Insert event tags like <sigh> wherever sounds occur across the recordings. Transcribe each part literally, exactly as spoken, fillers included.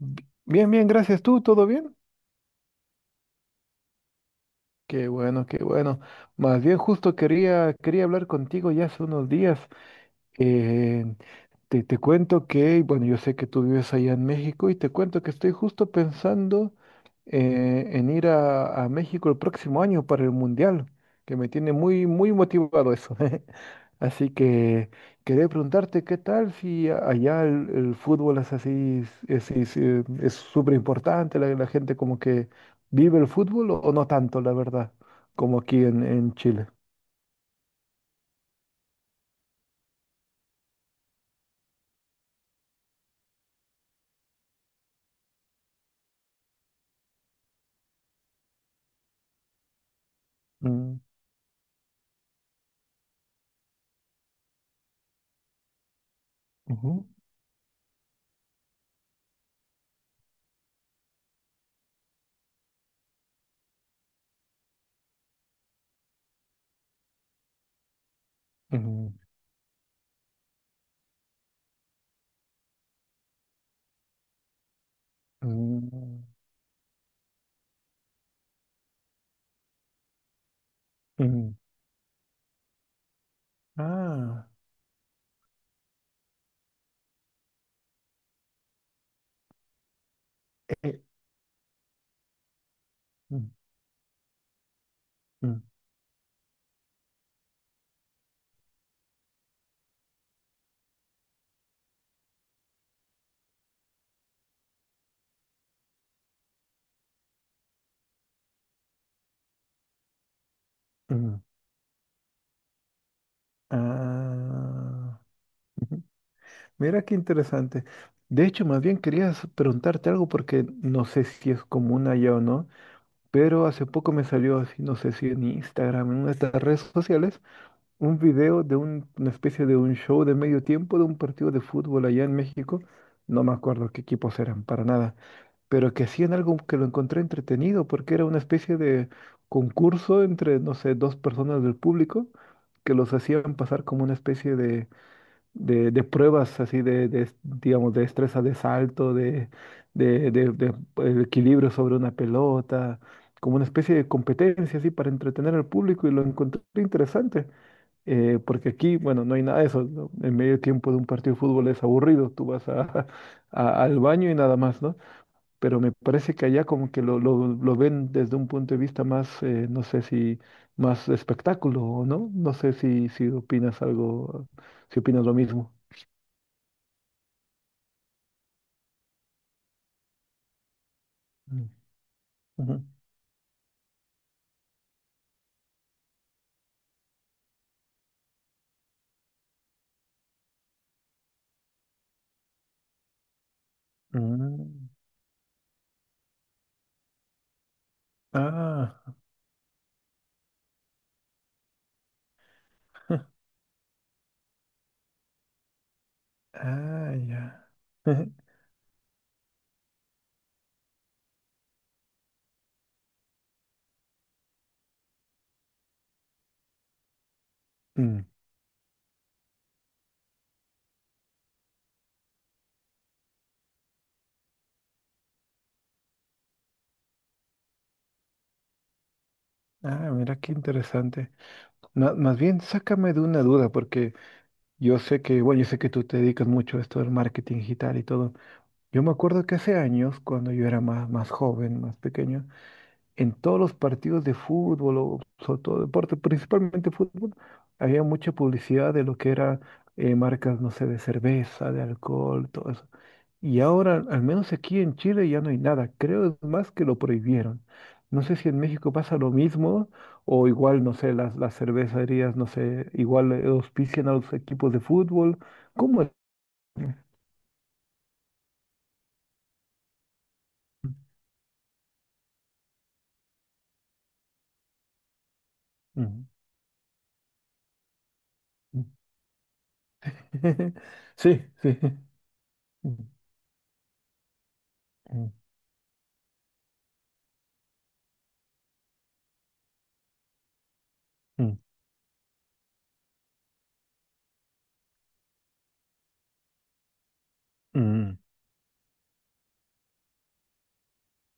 Bi- Bien, bien, gracias tú, ¿todo bien? Qué bueno, qué bueno. Más bien justo quería, quería hablar contigo ya hace unos días. Eh, te, te cuento que, bueno, yo sé que tú vives allá en México y te cuento que estoy justo pensando eh, en ir a, a México el próximo año para el Mundial, que me tiene muy, muy motivado eso. <laughs> Así que quería preguntarte qué tal si a- allá el, el fútbol es así, es es- eh, es súper importante, la, la gente como que vive el fútbol o, o no tanto, la verdad, como aquí en, en Chile. Mm, ujú, ujú, mm. Mm. Ah, Eh, mm, mm, mm. Ah, ujú. Mira qué interesante. De hecho, más bien quería s- preguntarte algo porque no sé si es común allá o no, pero hace poco me salió así, no sé si en Instagram, en una de estas redes sociales, un video de un- una especie de un show de medio tiempo de un partido de fútbol allá en México. No me acuerdo qué equipos eran, para nada. Pero que hacían algo que lo encontré entretenido, porque era una especie de concurso entre, no sé, dos personas del público que los hacían pasar como una especie de, de, de pruebas así de, de, digamos, de destreza de salto, de, de, de- de, eh, equilibrio sobre una pelota, como una especie de competencia así para entretener al público y lo encontré interesante. eh, porque aquí, bueno, no hay nada de eso, ¿no? En medio tiempo de un partido de fútbol es aburrido. Tú vas a- <laughs> a- al baño y nada más, ¿no? Pero me parece que allá como que lo, lo, lo ven desde un punto de vista más, eh, no sé si más de espectáculo o no, no sé si, si opinas algo, si opinas lo mismo. Mm, ujú. Mm, ah, <laughs> ah, ya. <laughs> Mm, ah, mira qué interesante. Ma- más bien, sácame de una duda, porque yo sé que, bueno, yo sé que tú te dedicas mucho a esto del marketing digital y todo. Yo me acuerdo que hace años, cuando yo era más, más joven, más pequeño, en todos los partidos de fútbol o sobre todo deporte, principalmente fútbol, había mucha publicidad de lo que era eh, marcas, no sé, de cerveza, de alcohol, todo eso. Y ahora, al menos aquí en Chile, ya no hay nada. Creo es más que lo prohibieron. No sé si en México pasa lo mismo o igual, no sé, las, las cervecerías, no sé, igual eh, auspician a los equipos de fútbol. ¿Cómo es? Mm, mm. <laughs> Sí, sí. Mm, mm, mm, mm.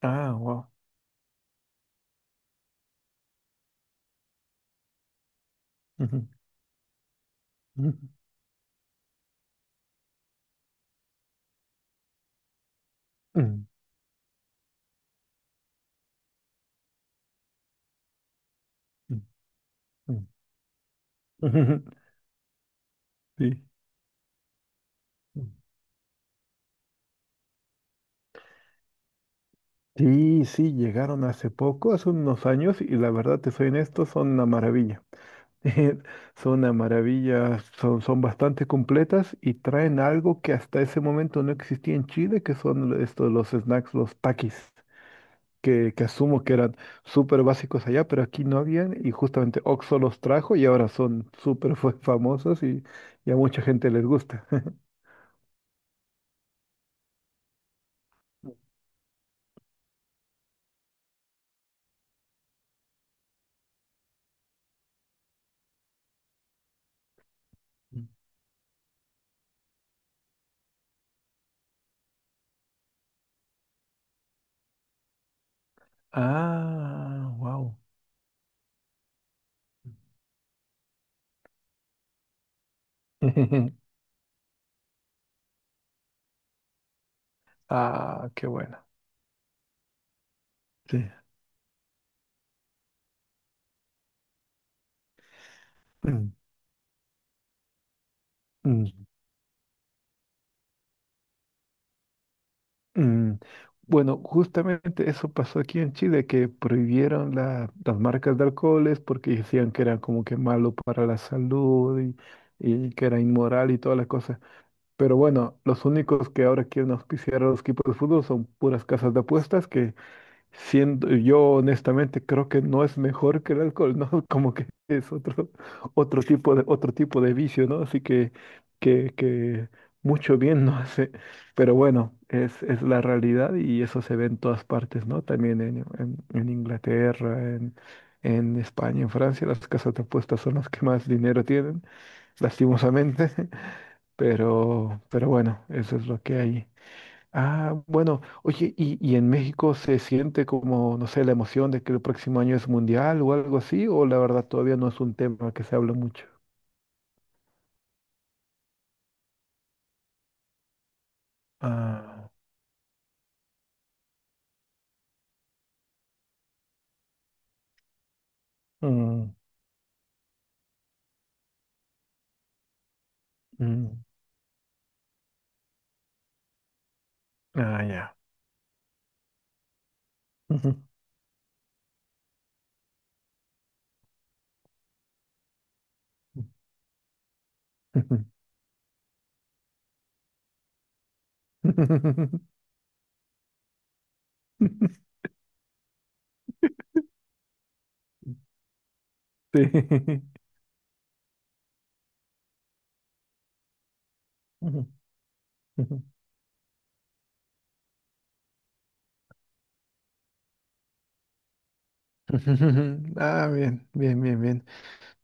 Ah, wow. Ujú, ujú, ujú, ujú, ujú. Sí. Sí, sí, llegaron hace poco, hace unos años, y la verdad, te soy honesto, son una maravilla. <laughs> Son una maravilla, son, son bastante completas y traen algo que hasta ese momento no existía en Chile, que son estos, los snacks, los Takis, que, que asumo que eran súper básicos allá, pero aquí no habían, y justamente Oxxo los trajo y ahora son súper <laughs> fa- famosos y, y a mucha gente les gusta. <laughs> Ah, wow. <laughs> Ah, qué buena. Sí. Mm, mm, mm. Bueno, justamente eso pasó aquí en Chile, que prohibieron la- las marcas de alcoholes porque decían que era como que malo para la salud y, y que era inmoral y todas las cosas. Pero bueno, los únicos que ahora quieren auspiciar a los equipos de fútbol son puras casas de apuestas que... Siendo, yo honestamente creo que no es mejor que el alcohol, ¿no? <laughs> Como que es otro, otro tipo de, otro tipo de vicio, ¿no? Así que, que, que mucho bien <laughs> no hace. Pero bueno, es, es la realidad y eso se ve en todas partes, ¿no? También en, en, en Inglaterra, en, en España, en Francia, las casas de apuestas son las que más dinero tienen, lastimosamente. <laughs> Pero, pero bueno, eso es lo que hay. Ah, bueno, oye, ¿y, y en México se siente como, no sé, la emoción de que el próximo año es mundial o algo así? ¿O la verdad todavía no es un tema que se habla mucho? Ah, mm, mm, ah, ya. <laughs> Ujú, ujú, ujú. <laughs> Sí. Ujú, ujú. <laughs> Ah, bien, bien, bien, bien.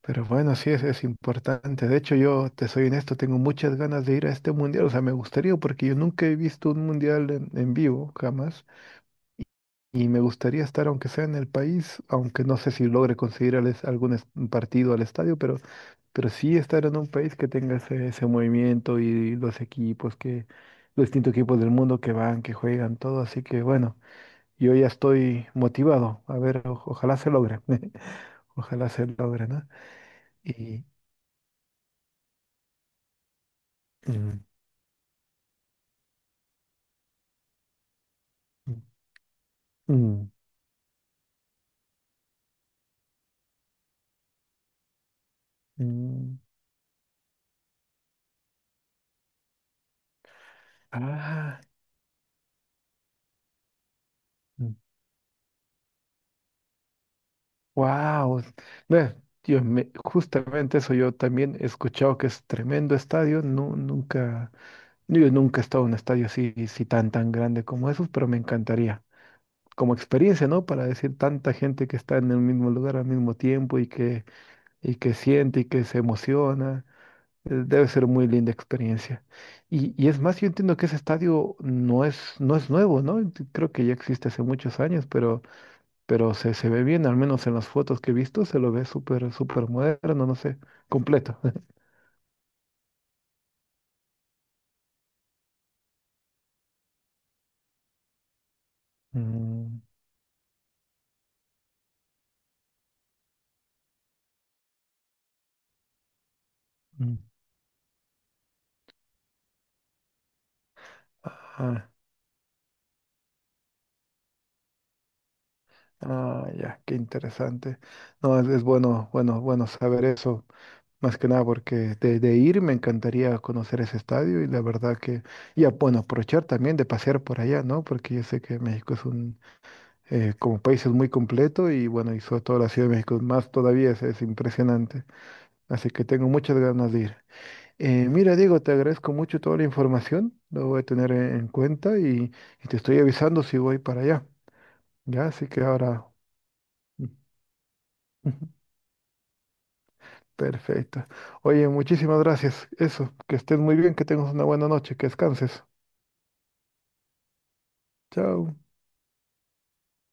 Pero bueno, sí, es, es importante. De hecho, yo te soy honesto, tengo muchas ganas de ir a este mundial. O sea, me gustaría porque yo nunca he visto un mundial en, en vivo, jamás. Y me gustaría estar, aunque sea en el país, aunque no sé si logre conseguir al es- algún es- partido al estadio, pero, pero sí estar en un país que tenga ese, ese movimiento y los equipos que, los distintos equipos del mundo que van, que juegan, todo. Así que bueno, yo ya estoy motivado. A ver, o- ojalá se logre. <laughs> Ojalá se logre, ¿no? Y. Mm, mm, mm, mm. Ah. Wow, ve, yo me- justamente eso yo también he escuchado que es tremendo estadio. No, nunca, yo nunca he estado en un estadio así, así tan tan grande como esos, pero me encantaría. Como experiencia, ¿no? Para decir tanta gente que está en el mismo lugar al mismo tiempo y que, y que siente y que se emociona. eh, Debe ser muy linda experiencia. Y, y es más, yo entiendo que ese estadio no es, no es nuevo, ¿no? Ent- Creo que ya existe hace muchos años, pero pero se, se ve bien, al menos en las fotos que he visto, se lo ve súper, súper moderno, no sé, completo. <laughs> Mm, mm. Ah, ah, ya, qué interesante. No, es, es bueno, bueno, bueno saber eso, más que nada porque de, de ir me encantaría conocer ese estadio y la verdad que, y bueno, aprovechar también de pasear por allá, ¿no? Porque yo sé que México es un, eh, como país es muy completo y bueno, y sobre todo la Ciudad de México más todavía es, es impresionante. Así que tengo muchas ganas de ir. Eh, mira, Diego, te agradezco mucho toda la información, lo voy a tener en en cuenta y, y te estoy avisando si voy para allá. Ya, así que ahora... <laughs> Perfecto. Oye, muchísimas gracias. Eso, que estés muy bien, que tengas una buena noche, que descanses. Chao.